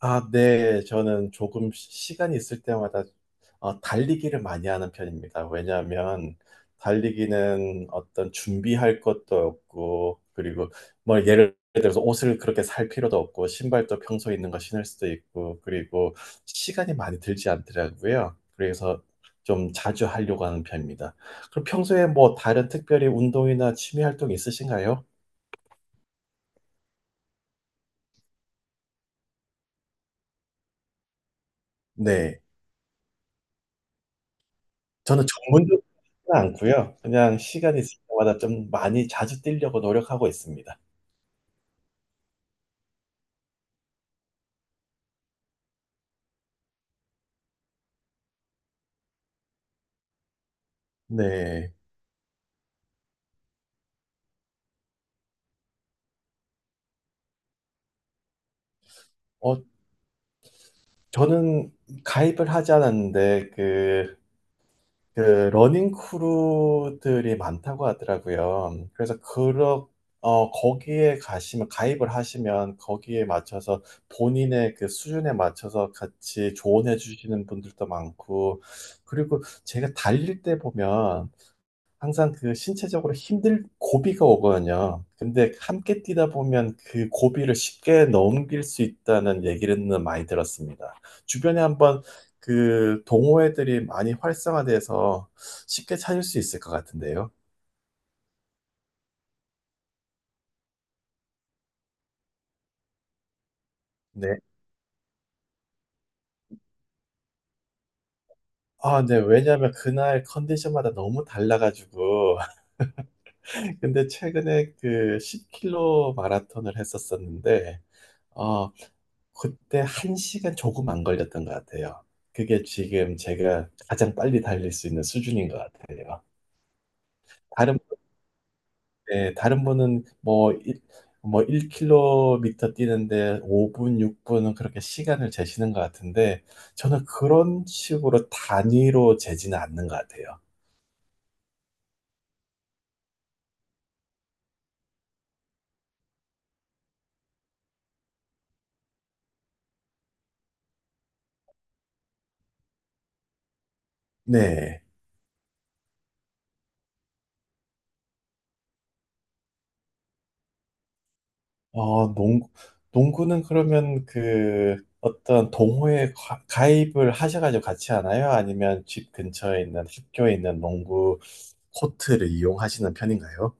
아, 네. 저는 조금 시간이 있을 때마다 달리기를 많이 하는 편입니다. 왜냐하면 달리기는 어떤 준비할 것도 없고, 그리고 뭐 예를 들어서 옷을 그렇게 살 필요도 없고, 신발도 평소에 있는 거 신을 수도 있고, 그리고 시간이 많이 들지 않더라고요. 그래서 좀 자주 하려고 하는 편입니다. 그럼 평소에 뭐 다른 특별히 운동이나 취미 활동 있으신가요? 네. 저는 전문적으로 않고요. 그냥 시간이 있을 때마다 좀 많이 자주 뛰려고 노력하고 있습니다. 네. 어, 저는 가입을 하지 않았는데, 그, 러닝 크루들이 많다고 하더라고요. 그래서, 거기에 가시면, 가입을 하시면, 거기에 맞춰서 본인의 그 수준에 맞춰서 같이 조언해 주시는 분들도 많고, 그리고 제가 달릴 때 보면, 항상 그 신체적으로 힘들 고비가 오거든요. 근데 함께 뛰다 보면 그 고비를 쉽게 넘길 수 있다는 얘기는 많이 들었습니다. 주변에 한번 그 동호회들이 많이 활성화돼서 쉽게 찾을 수 있을 것 같은데요. 네. 아, 네. 왜냐하면 그날 컨디션마다 너무 달라가지고. 근데 최근에 그 10킬로 마라톤을 했었었는데, 어, 그때 한시간 조금 안 걸렸던 것 같아요. 그게 지금 제가 가장 빨리 달릴 수 있는 수준인 것 같아요. 다른, 네, 다른 분은 뭐 1km 뛰는데 5분, 6분은 그렇게 시간을 재시는 것 같은데 저는 그런 식으로 단위로 재지는 않는 것 같아요. 네. 어, 농구, 농구는 그러면 그 어떤 동호회 가입을 하셔가지고 같이 하나요? 아니면 집 근처에 있는 학교에 있는 농구 코트를 이용하시는 편인가요?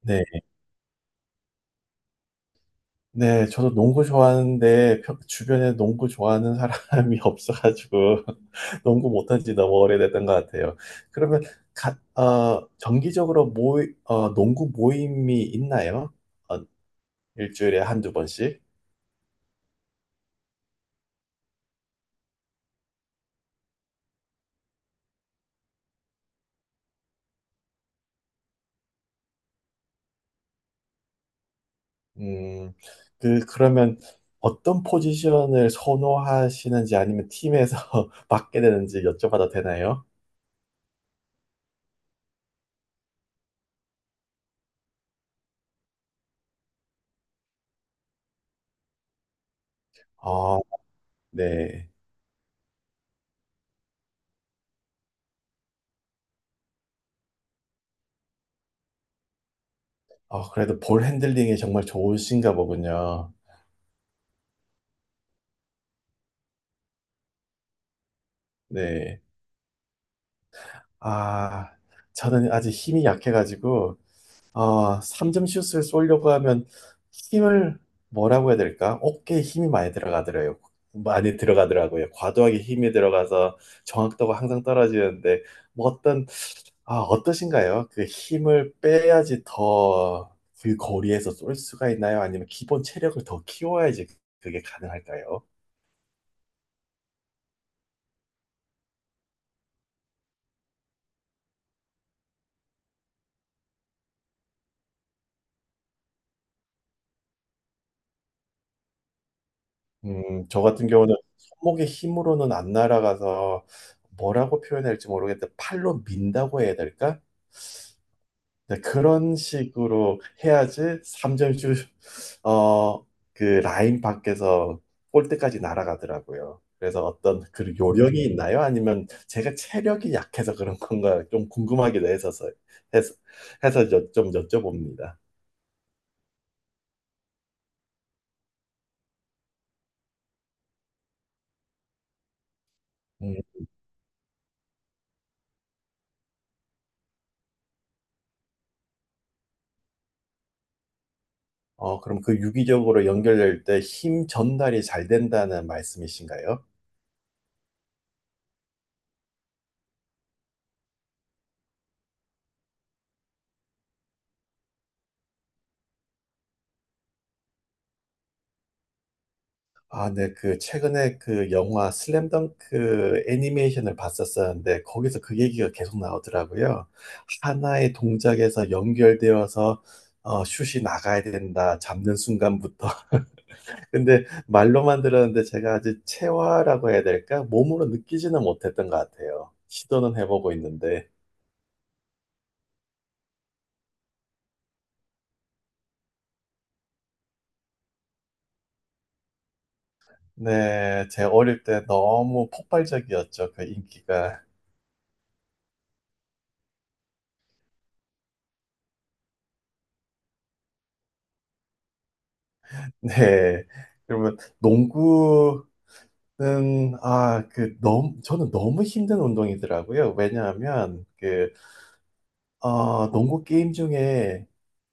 네, 네, 저도 농구 좋아하는데 주변에 농구 좋아하는 사람이 없어가지고 농구 못한 지 너무 오래됐던 것 같아요. 그러면 가, 정기적으로 농구 모임이 있나요? 어, 일주일에 한두 번씩? 음, 그러면 어떤 포지션을 선호하시는지 아니면 팀에서 맡게 되는지 여쭤봐도 되나요? 아, 네. 아, 그래도 볼 핸들링이 정말 좋으신가 보군요. 네. 아, 저는 아직 힘이 약해가지고, 아, 3점 슛을 쏘려고 하면 힘을 뭐라고 해야 될까? 어깨에 힘이 많이 들어가더라고요. 많이 들어가더라고요. 과도하게 힘이 들어가서 정확도가 항상 떨어지는데, 뭐 어떠신가요? 그 힘을 빼야지 더 그 거리에서 쏠 수가 있나요? 아니면 기본 체력을 더 키워야지 그게 가능할까요? 저 같은 경우는 손목의 힘으로는 안 날아가서 뭐라고 표현할지 모르겠는데 팔로 민다고 해야 될까? 이제 그런 식으로 해야지 3점슛 어, 그 라인 밖에서 골대까지 날아가더라고요. 그래서 어떤 그 요령이 있나요? 아니면 제가 체력이 약해서 그런 건가 좀 궁금하기도 해서 해서 좀 여쭤봅니다. 음, 그럼 그 유기적으로 연결될 때 힘 전달이 잘 된다는 말씀이신가요? 아, 네. 최근에 그 영화 슬램덩크 애니메이션을 봤었었는데, 거기서 그 얘기가 계속 나오더라고요. 하나의 동작에서 연결되어서, 슛이 나가야 된다, 잡는 순간부터. 근데 말로만 들었는데 제가 아직 체화라고 해야 될까? 몸으로 느끼지는 못했던 것 같아요. 시도는 해보고 있는데. 네, 제 어릴 때 너무 폭발적이었죠, 그 인기가. 네. 그러면 농구 아, 그, 너무, 저는 너무 힘든 운동이더라고요. 왜냐하면 농구 게임 중에,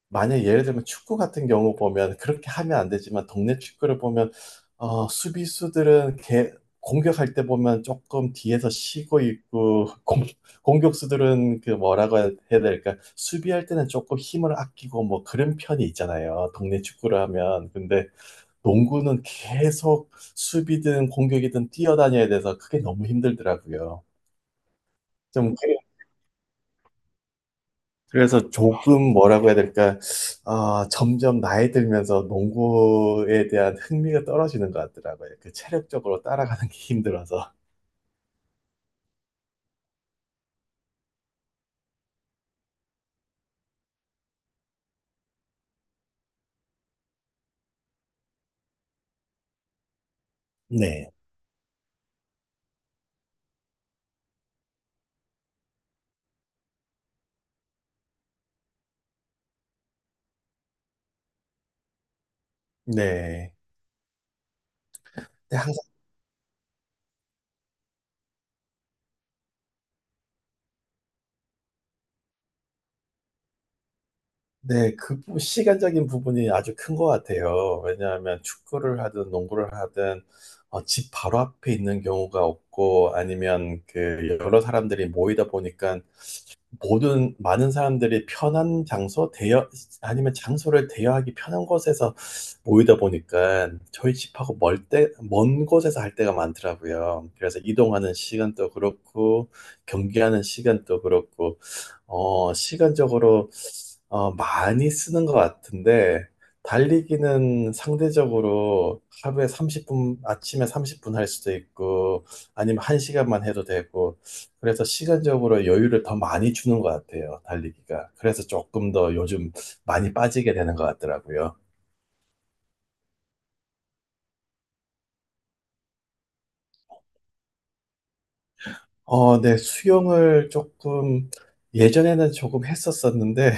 만약 예를 들면 축구 같은 경우 보면, 그렇게 하면 안 되지만, 동네 축구를 보면, 수비수들은 공격할 때 보면 조금 뒤에서 쉬고 있고, 공격수들은 그 뭐라고 해야 될까, 수비할 때는 조금 힘을 아끼고, 뭐 그런 편이 있잖아요. 동네 축구를 하면. 근데 농구는 계속 수비든 공격이든 뛰어다녀야 돼서 그게 너무 힘들더라고요. 좀 그래서 조금 뭐라고 해야 될까? 아, 점점 나이 들면서 농구에 대한 흥미가 떨어지는 것 같더라고요. 그 체력적으로 따라가는 게 힘들어서. 네. 네. 근데 항상 네, 시간적인 부분이 아주 큰 것 같아요. 왜냐하면 축구를 하든 농구를 하든 집 바로 앞에 있는 경우가 없고 아니면 그 여러 사람들이 모이다 보니까 모든 많은 사람들이 편한 장소, 아니면 장소를 대여하기 편한 곳에서 모이다 보니까 저희 집하고 먼 곳에서 할 때가 많더라고요. 그래서 이동하는 시간도 그렇고, 경기하는 시간도 그렇고, 시간적으로 많이 쓰는 것 같은데, 달리기는 상대적으로 하루에 30분, 아침에 30분 할 수도 있고, 아니면 1시간만 해도 되고, 그래서 시간적으로 여유를 더 많이 주는 것 같아요, 달리기가. 그래서 조금 더 요즘 많이 빠지게 되는 것 같더라고요. 네, 예전에는 조금 했었었는데,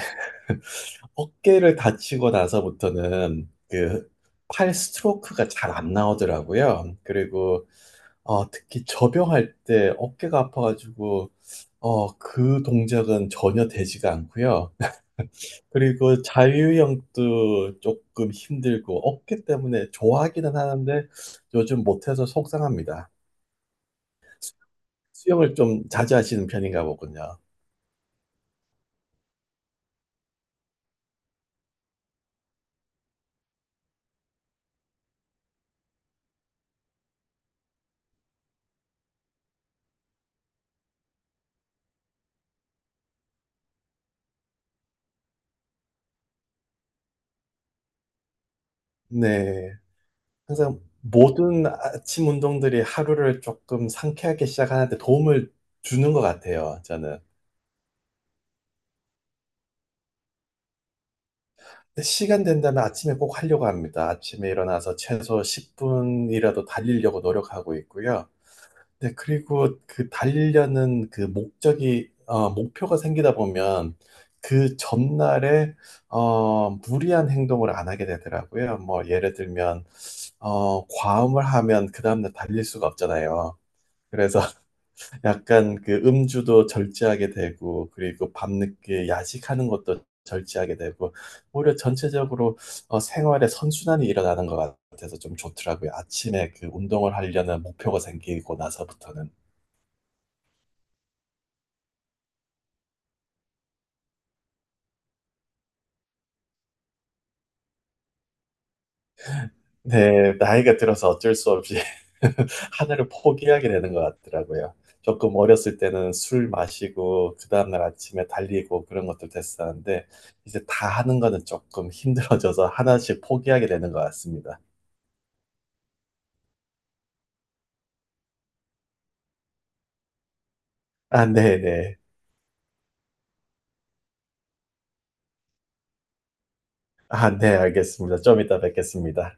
어깨를 다치고 나서부터는 팔 스트로크가 잘 안 나오더라고요. 그리고 특히 접영할 때 어깨가 아파가지고, 그 동작은 전혀 되지가 않고요. 그리고 자유형도 조금 힘들고 없기 때문에 좋아하기는 하는데 요즘 못해서 속상합니다. 수영을 좀 자주 하시는 편인가 보군요. 네. 항상 모든 아침 운동들이 하루를 조금 상쾌하게 시작하는데 도움을 주는 것 같아요, 저는. 근데 시간 된다면 아침에 꼭 하려고 합니다. 아침에 일어나서 최소 10분이라도 달리려고 노력하고 있고요. 네, 그리고 그 달리려는 그 목표가 생기다 보면 그 전날에 무리한 행동을 안 하게 되더라고요. 뭐, 예를 들면 과음을 하면 그 다음날 달릴 수가 없잖아요. 그래서 약간 그 음주도 절제하게 되고, 그리고 밤늦게 야식하는 것도 절제하게 되고, 오히려 전체적으로 생활에 선순환이 일어나는 것 같아서 좀 좋더라고요. 아침에 그 운동을 하려는 목표가 생기고 나서부터는. 네, 나이가 들어서 어쩔 수 없이 하늘을 포기하게 되는 것 같더라고요. 조금 어렸을 때는 술 마시고 그 다음날 아침에 달리고 그런 것들 됐었는데 이제 다 하는 거는 조금 힘들어져서 하나씩 포기하게 되는 것 같습니다. 아, 네네. 아, 네, 알겠습니다. 좀 이따 뵙겠습니다.